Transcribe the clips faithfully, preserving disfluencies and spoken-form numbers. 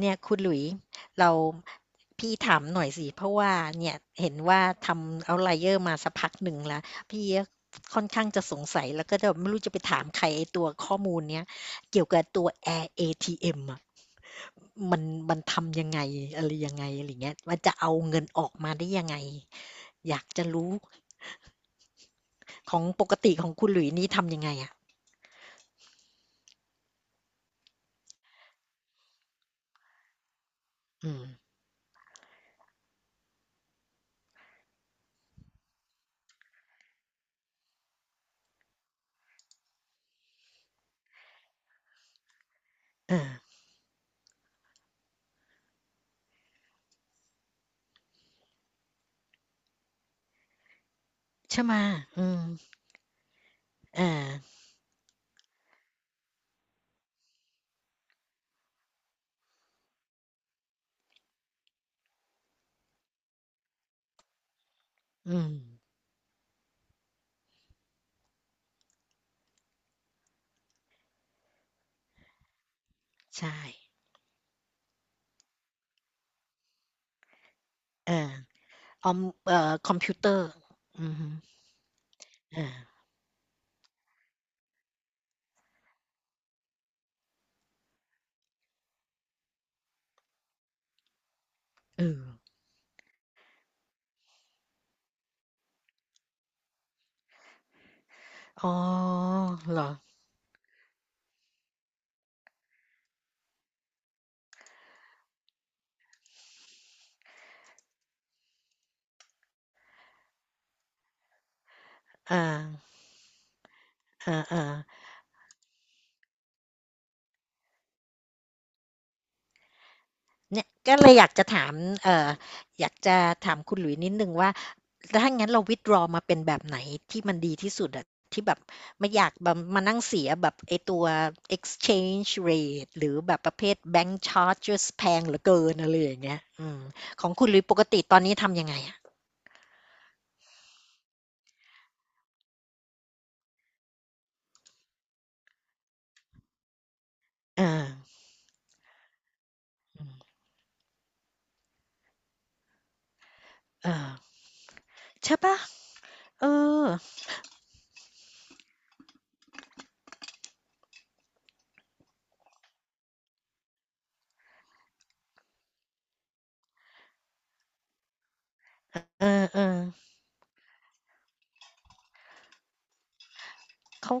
เนี่ยคุณหลุยส์เราพี่ถามหน่อยสิเพราะว่าเนี่ยเห็นว่าทำเอาไลเยอร์มาสักพักหนึ่งแล้วพี่ก็ค่อนข้างจะสงสัยแล้วก็จะไม่รู้จะไปถามใครไอ้ตัวข้อมูลเนี้ยเกี่ยวกับตัว Air เอ ที เอ็ม อทีเอ็มอ่ะมันมันทำยังไงอะไรยังไงอะไรเงี้ยมันจะเอาเงินออกมาได้ยังไงอยากจะรู้ของปกติของคุณหลุยส์นี่ทำยังไงอ่ะอืมเออใช่ไหมะอืมเอออืมใช่เออ ออมเอ่อคอมพิวเตอร์อือฮึอาเอออ๋อเหรออาอาๆเนี่ยก็เลยอยากจะถามเอ่ออยากจะถามคุณหลุยส์นิดหนึ่งว่า ถ้างั้นเรา withdraw มาเป็นแบบไหนที่มันดีที่สุดอะที่แบบไม่อยากแบบมานั่งเสียแบบไอ้ตัว exchange rate หรือแบบประเภท bank charges แพงเหลือเกินอะไรอย่างเงี้ยอืมของคุณหลุยส์ปกติตอนนี้ทำยังไงอะอาเออใช่เปล่าเออ เออๆเขา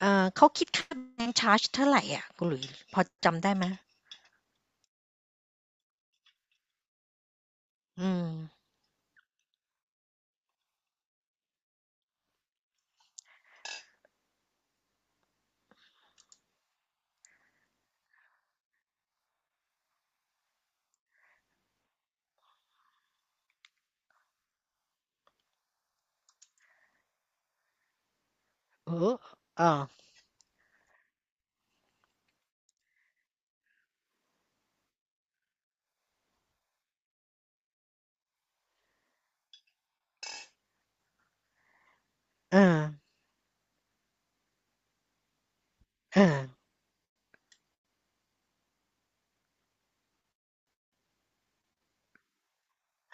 เอ่อเขาคิดค่าแบงก์ชาร์จเท่าไรอะคุณหลุยส์พอจำได้ไหมอืมโอ้โฮอ้อเออเออ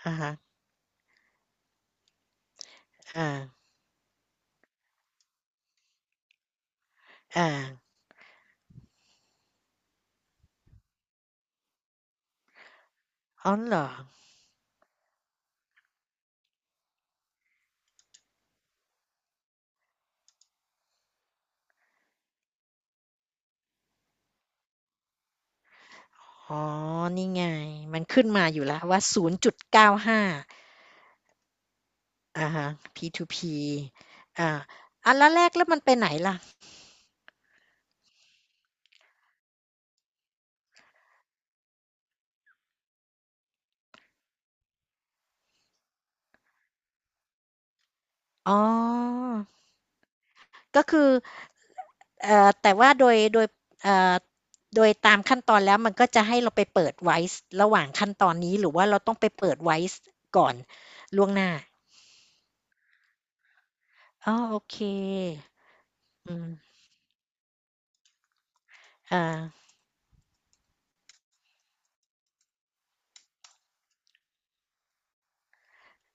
อะฮะเอออาอ๋อเหรออ๋อนี่ไงมันขึ้นมาอยู่แล้วว่าศูนย์จุดเก้าห้าอะฮะ พี ทู พี อาอ่าแล้วแลกแล้วมันไปไหนล่ะอ๋อก็คือ เอ่อแต่ว่าโดยโดยเอ่อโดยตามขั้นตอนแล้วมันก็จะให้เราไปเปิดไว้ระหว่างขั้นตอนนี้หรือว่าเราต้องไปเปิดไว้ก่อนล่วงหน้าอ๋อโอเคอืมอ่า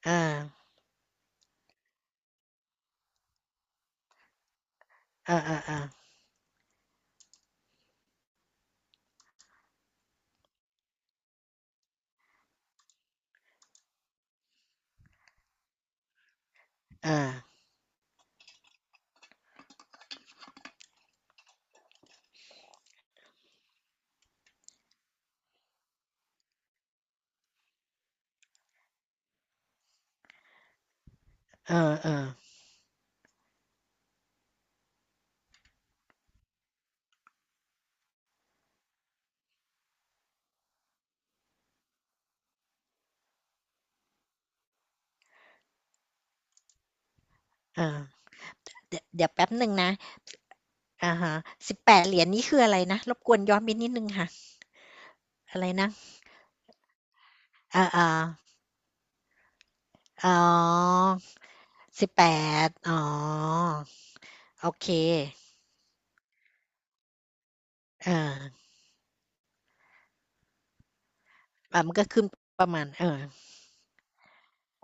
อ่าอ่าอ่าอ่าอ่าเออๆอาเดี๋ยวเดี๋ยวแป๊บหนึ่งนะอ่าฮะสิบแปดเหรียญนี่คืออะไรนะรบกวนย้อนไปนิดหนึงค่ะอะไรนะอ่าอ่าอ๋อสิบแปดอ๋อโอเคเออ่ามันก็ขึ้นประมาณเออ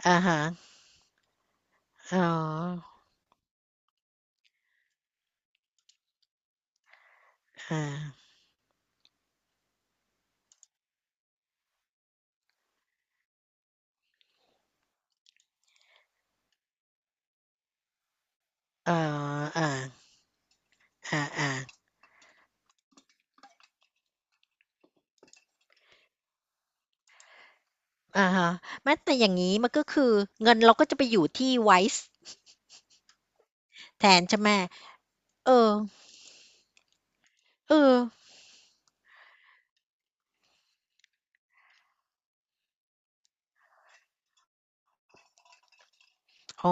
อะฮะอ๋ออาอ๋ออาอาอาอะฮะแม้แต่อย่างงี้มันก็คือเงินเราก็จะไปอยู่ที่ Wise แทนใช่ไหมเออเอออ๋อ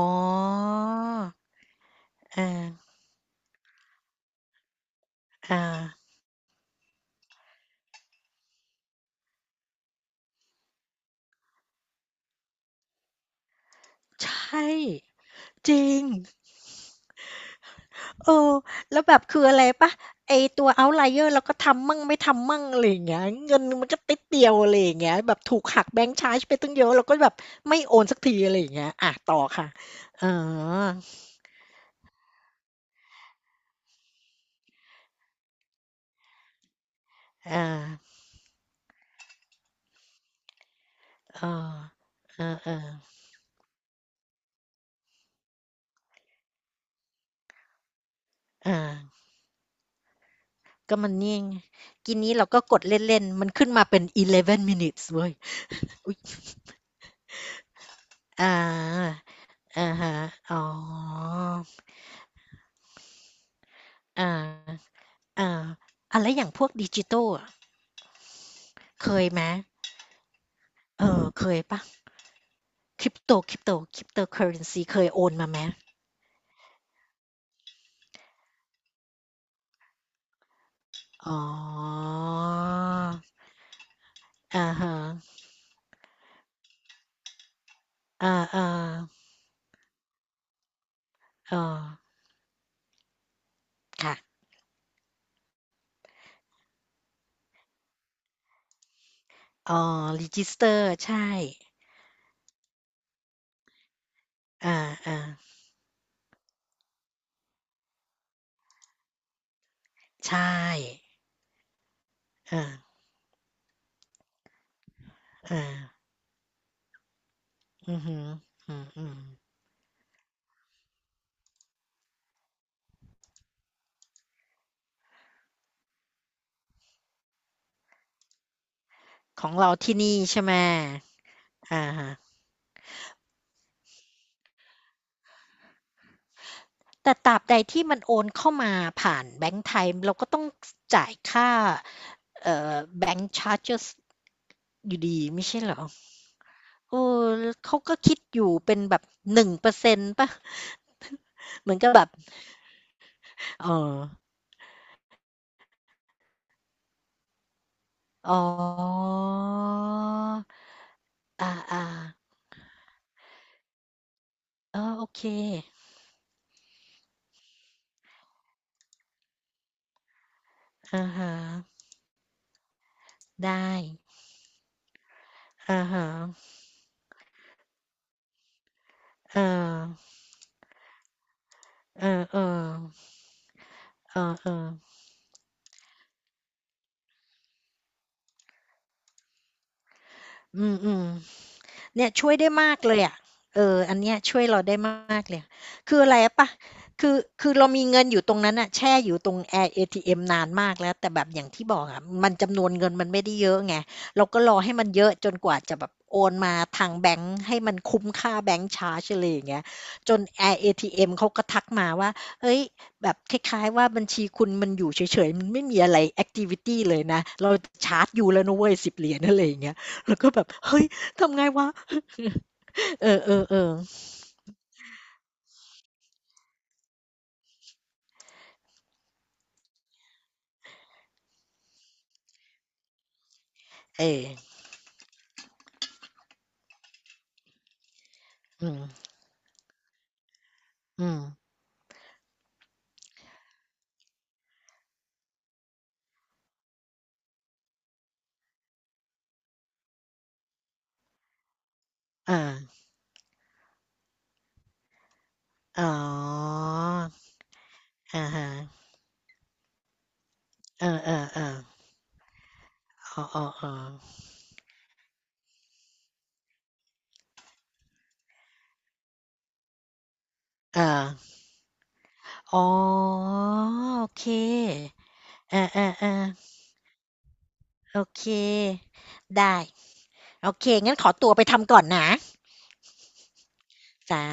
อาอาใช่จริงเออแล้วแบบคืออะไรเปล่าไอ้ตัว Outlier เราก็ทำมั่งไม่ทำมั่งอะไรอย่างเงี้ยเงินมันก็ติดเดียวอะไรอย่างเงี้ยแบบถูกหักแบงก์ชาร์จไปตั้งเยอะเราก็แบบไม่โอนสักทีอะไรอย่างเงี้ยอาต่อค่ะอ๋ออา เออเออเออเอาก็มันนี่ไงกินนี้เราก็กดเล่นๆมันขึ้นมาเป็นอีเลฟเว่น minutes เว้ยอาอาฮะอ๋ออาอาอะแล้วอย่างพวกดิจิตอลอะเคยไหมเออเคยปะ่ริปโตคริปโตคริปโตเค c u r r e n เคยโอนมาไหมอ๋ออาฮะอาอ่เออค่ะอ๋อรีจ e สเตอร์ใช่อาอ่าใช่อา อาอือฮึออืมๆของเราที่นี่ใช่ไหมอาฮะแต่ตราบใดที่มันโอนเข้ามาผ่านแบงก์ไทยเราก็ต้องจ่ายค่าเอ่อแบงก์ชาร์ h a r g e s อยู่ดีไม่ใช่เหรอเอ้เขาก็คิดอยู่เป็นแบบหนึ่งเปอร์เซ็นต์ป่ะ เหมือนกับแบบเอ๋อ อ๋ออาๆเออโอเคอาฮะได้อาฮะอ่า เออๆเออๆอออืมอืม เนี่ยช่วยได้มากเลยอะเอออันเนี้ยช่วยเราได้มากเลย คืออะไรปะคือคือเรามีเงินอยู่ตรงนั้นอะแช่อยู่ตรงแอร์เอทีเอ็มนานมากแล้วแต่แบบอย่างที่บอกอะมันจำนวนเงินมันไม่ได้เยอะไงเราก็รอให้มันเยอะจนกว่าจะแบบโอนมาทางแบงค์ให้มันคุ้มค่าแบงค์ชาร์จอะไรอย่างเงี้ยจนแอร์เอทีเอ็มเขาก็ทักมาว่า เฮ้ยแบบคล้ายๆว่าบัญชีคุณมันอยู่เฉยๆมันไม่มีอะไรแอคทิวิตีเลยนะเราชาร์จอยูแล้วนะเว้ย สิบดอลลาร์ อะไรอย่างเงี้ยเราก็แบบเฮ้ยทำไงวะ เออเออเออเอออืมอืมอ่าอ๋ออะฮะเออๆๆอ้อๆๆอาอ๋อโอเคอาๆๆโอเคได้โอเคงั้นขอตัวไปทำก่อนนะจ้ะ